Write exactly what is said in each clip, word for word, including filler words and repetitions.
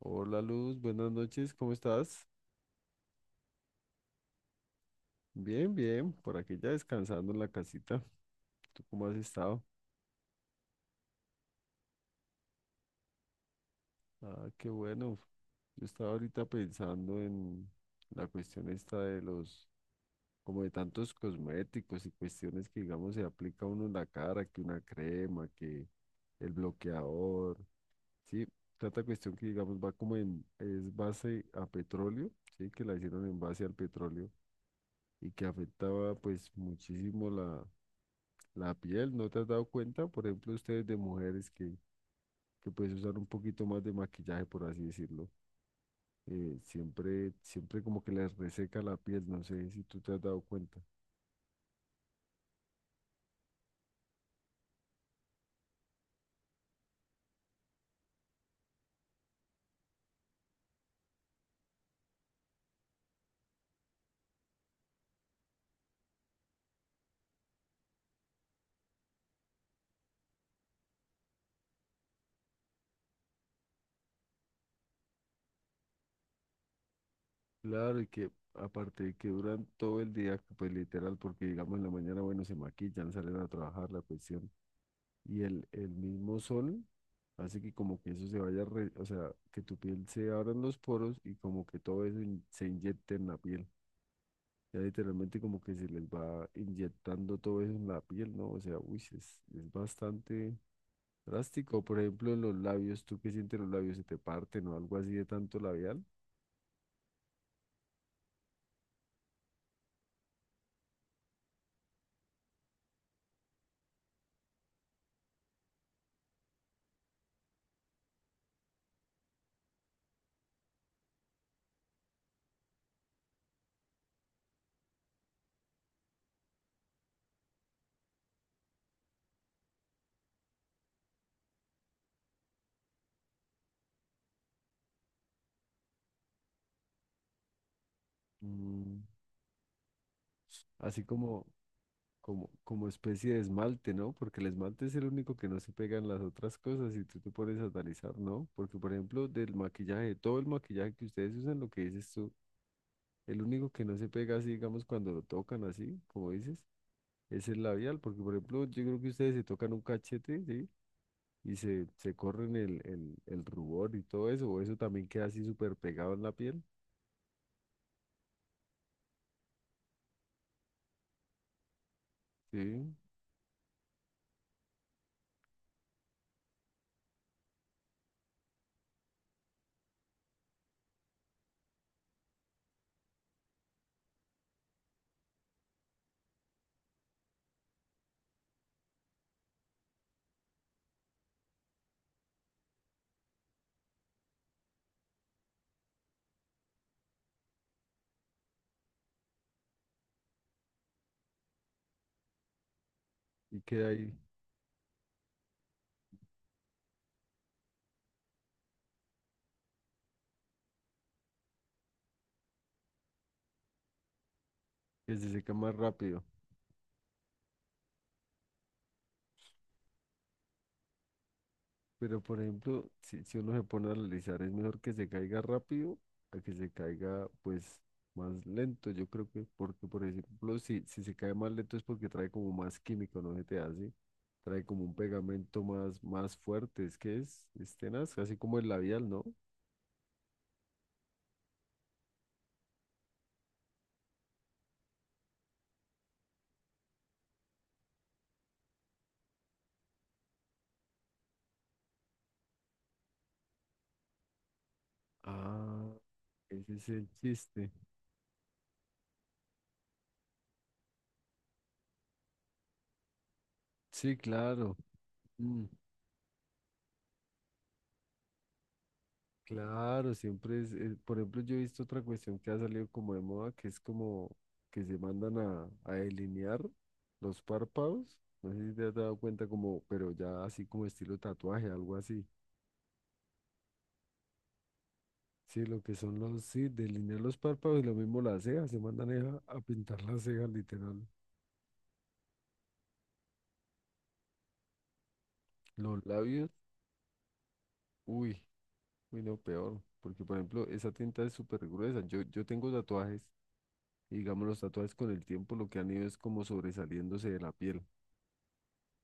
Hola Luz, buenas noches, ¿cómo estás? Bien, bien, por aquí ya descansando en la casita. ¿Tú cómo has estado? Ah, qué bueno. Yo estaba ahorita pensando en la cuestión esta de los, como de tantos cosméticos y cuestiones que, digamos, se aplica uno en la cara, que una crema, que el bloqueador, ¿sí? Tanta cuestión que, digamos, va como en, es base a petróleo, ¿sí? Que la hicieron en base al petróleo y que afectaba, pues, muchísimo la La piel, ¿no te has dado cuenta? Por ejemplo, ustedes de mujeres que, que pues usar un poquito más de maquillaje, por así decirlo, eh, siempre, siempre como que les reseca la piel, no sé si tú te has dado cuenta. Claro, y que aparte de que duran todo el día, pues literal, porque digamos en la mañana, bueno, se maquillan, salen a trabajar la cuestión, y el, el mismo sol hace que como que eso se vaya, re- o sea, que tu piel se abran los poros y como que todo eso in- se inyecte en la piel. Ya literalmente como que se les va inyectando todo eso en la piel, ¿no? O sea, uy, sí es, es bastante drástico. Por ejemplo, en los labios, ¿tú qué sientes En los labios? ¿Se te parten o algo así de tanto labial? Mm, así como, como, como especie de esmalte, ¿no? Porque el esmalte es el único que no se pega en las otras cosas y tú te pones a analizar, ¿no? Porque, por ejemplo, del maquillaje, todo el maquillaje que ustedes usan, lo que dices tú, el único que no se pega así, digamos, cuando lo tocan así, como dices es el labial, porque por ejemplo, yo creo que ustedes se tocan un cachete, ¿sí? Y se, se corren el, el, el rubor y todo eso, o eso también queda así súper pegado en la piel, ¿sí? Y queda ahí, que se seca más rápido. Pero por ejemplo, si, si uno se pone a analizar, es mejor que se caiga rápido a que se caiga, pues, más lento, yo creo que, porque por ejemplo, si, si se cae más lento es porque trae como más químico, ¿no se te hace? Trae como un pegamento más, más fuerte, es que es, es tenaz, así como el labial, ¿no? Ah, ese es el chiste. Sí, claro. Mm, claro, siempre es, eh, por ejemplo, yo he visto otra cuestión que ha salido como de moda, que es como que se mandan a, a delinear los párpados. No sé si te has dado cuenta como, pero ya así como estilo tatuaje, algo así. Sí, lo que son los, sí, delinear los párpados y lo mismo las cejas, se mandan es a, a pintar las cejas, literal. Los labios, uy, uy, no, peor, porque por ejemplo, esa tinta es súper gruesa. Yo, yo tengo tatuajes. Y digamos, los tatuajes con el tiempo lo que han ido es como sobresaliéndose de la piel.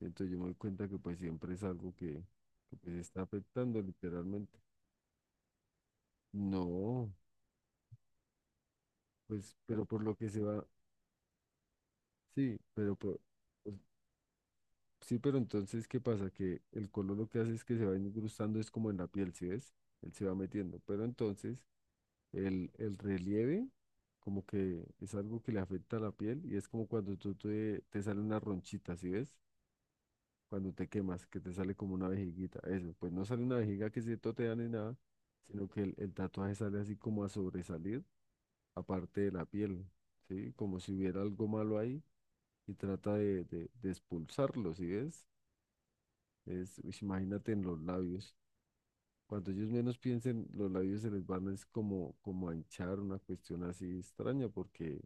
Entonces yo me doy cuenta que pues siempre es algo que, que pues está afectando literalmente. No, pues, pero por lo que se va, sí, pero por, pues, sí, pero entonces, ¿qué pasa? Que el color lo que hace es que se va incrustando, es como en la piel, ¿sí ves? Él se va metiendo. Pero entonces, el, el relieve como que es algo que le afecta a la piel y es como cuando tú te, te sale una ronchita, ¿sí ves? Cuando te quemas, que te sale como una vejiguita. Eso, pues no sale una vejiga que se totea ni nada, sino que el, el tatuaje sale así como a sobresalir, aparte de la piel, ¿sí? Como si hubiera algo malo ahí y trata de, de, de expulsarlo, ¿sí ves? Es, uish, imagínate en los labios. Cuando ellos menos piensen, los labios se les van es como, como a hinchar, una cuestión así extraña, porque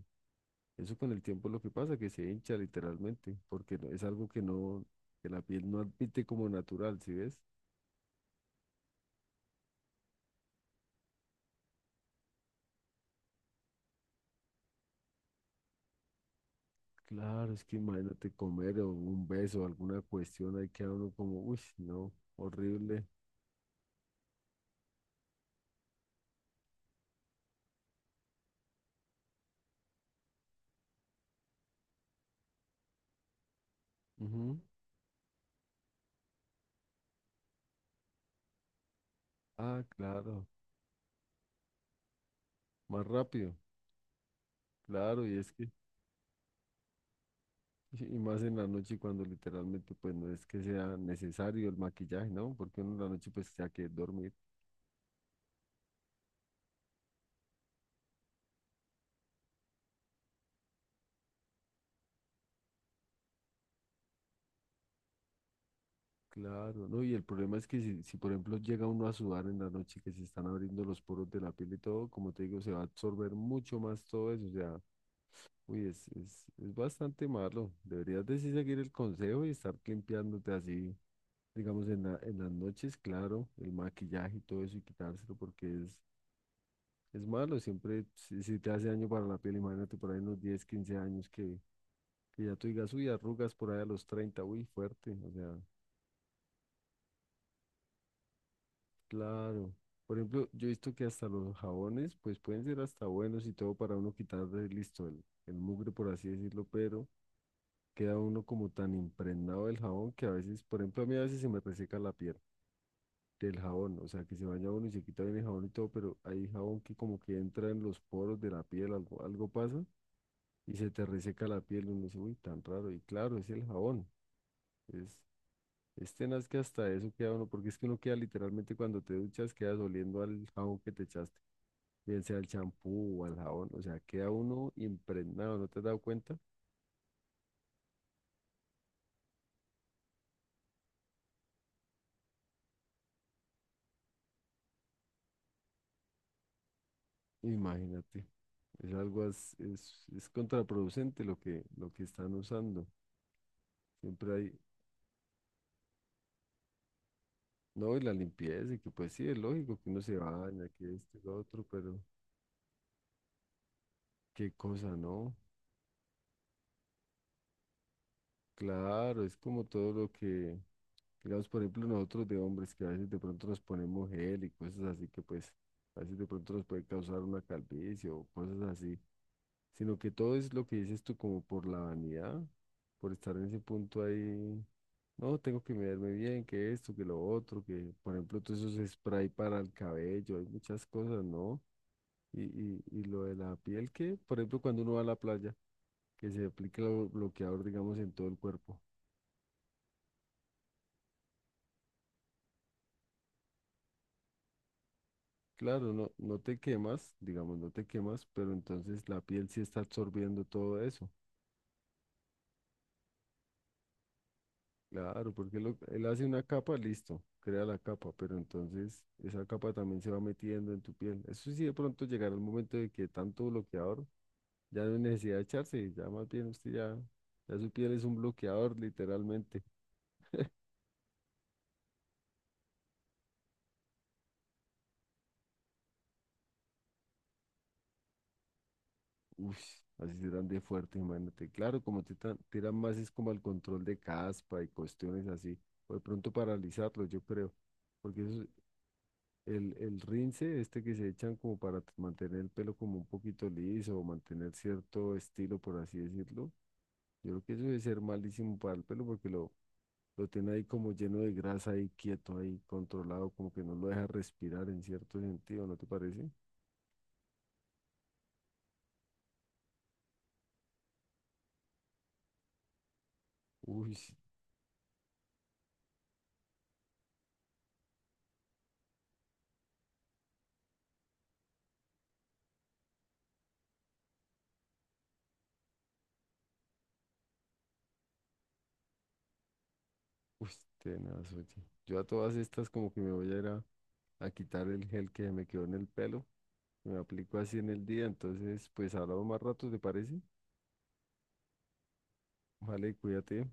eso con el tiempo es lo que pasa, que se hincha literalmente, porque no- es algo que no, que la piel no admite como natural, ¿sí ves? Claro, es que imagínate comer o un beso, alguna cuestión, ahí queda uno como, uy, no, horrible. Ujú. Ah, claro, más rápido, claro, y es que, y más en la noche cuando literalmente pues no es que sea necesario el maquillaje, ¿no? Porque uno en la noche pues ya que dormir, claro, ¿no? Y el problema es que si, si por ejemplo llega uno a sudar en la noche que se están abriendo los poros de la piel y todo, como te digo, se va a absorber mucho más todo eso, o sea, uy, es, es, es bastante malo. Deberías de sí seguir el consejo y estar limpiándote así, digamos, en la- en las noches, claro, el maquillaje y todo eso y quitárselo porque es, es malo. Siempre, si, si te hace daño para la piel, imagínate por ahí unos diez o quince años que, que ya tú digas, uy, arrugas por ahí a los treinta uy, fuerte. O sea, claro. Por ejemplo, yo he visto que hasta los jabones, pues pueden ser hasta buenos y todo para uno quitarle, listo, el, el mugre, por así decirlo, pero queda uno como tan impregnado del jabón que a veces, por ejemplo, a mí a veces se me reseca la piel del jabón, o sea, que se baña uno y se quita bien el jabón y todo, pero hay jabón que como que entra en los poros de la piel, algo, algo pasa y se te reseca la piel, uno dice, uy, tan raro, y claro, es el jabón, es, es tenaz que hasta eso queda uno, porque es que uno queda literalmente cuando te duchas, quedas oliendo al jabón que te echaste, bien sea al champú o al jabón, o sea, queda uno impregnado, ¿no te has dado cuenta? Imagínate. Es algo as- es, es contraproducente lo que, lo que están usando. Siempre hay, no, y la limpieza, y que pues sí, es lógico que uno se baña, que esto y lo otro, pero qué cosa, ¿no? Claro, es como todo lo que, digamos, por ejemplo, nosotros de hombres que a veces de pronto nos ponemos gel y cosas así que pues a veces de pronto nos puede causar una calvicie o cosas así. Sino que todo es lo que dices tú como por la vanidad, por estar en ese punto ahí, no, tengo que mirarme bien, que esto, que lo otro, que por ejemplo todos esos spray para el cabello, hay muchas cosas, ¿no? Y, y, y lo de la piel, que por ejemplo cuando uno va a la playa, que se aplica el bloqueador, digamos, en todo el cuerpo. Claro, no, no te quemas, digamos, no te quemas, pero entonces la piel sí está absorbiendo todo eso. Claro, porque lo- él hace una capa, listo, crea la capa, pero entonces esa capa también se va metiendo en tu piel. Eso sí, de pronto llegará el momento de que tanto bloqueador ya no hay necesidad de echarse, ya más bien usted ya, ya su piel es un bloqueador, literalmente. Uy, así serán de fuerte, imagínate. Claro, como te tan- tiran más es como al control de caspa y cuestiones así, o de pronto paralizarlo, yo creo, porque eso, El, el rince, este que se echan como para t- mantener el pelo como un poquito liso o mantener cierto estilo, por así decirlo. Yo creo que eso debe ser malísimo para el pelo porque lo, lo tiene ahí como lleno de grasa ahí quieto, ahí controlado, como que no lo deja respirar en cierto sentido, ¿no te parece? Uy, sí, uy, tenaz, oye. Yo a todas estas como que me voy a ir a, a quitar el gel que me quedó en el pelo. Me aplico así en el día, entonces pues hablamos más rato, ¿te parece? Vale, cuídate.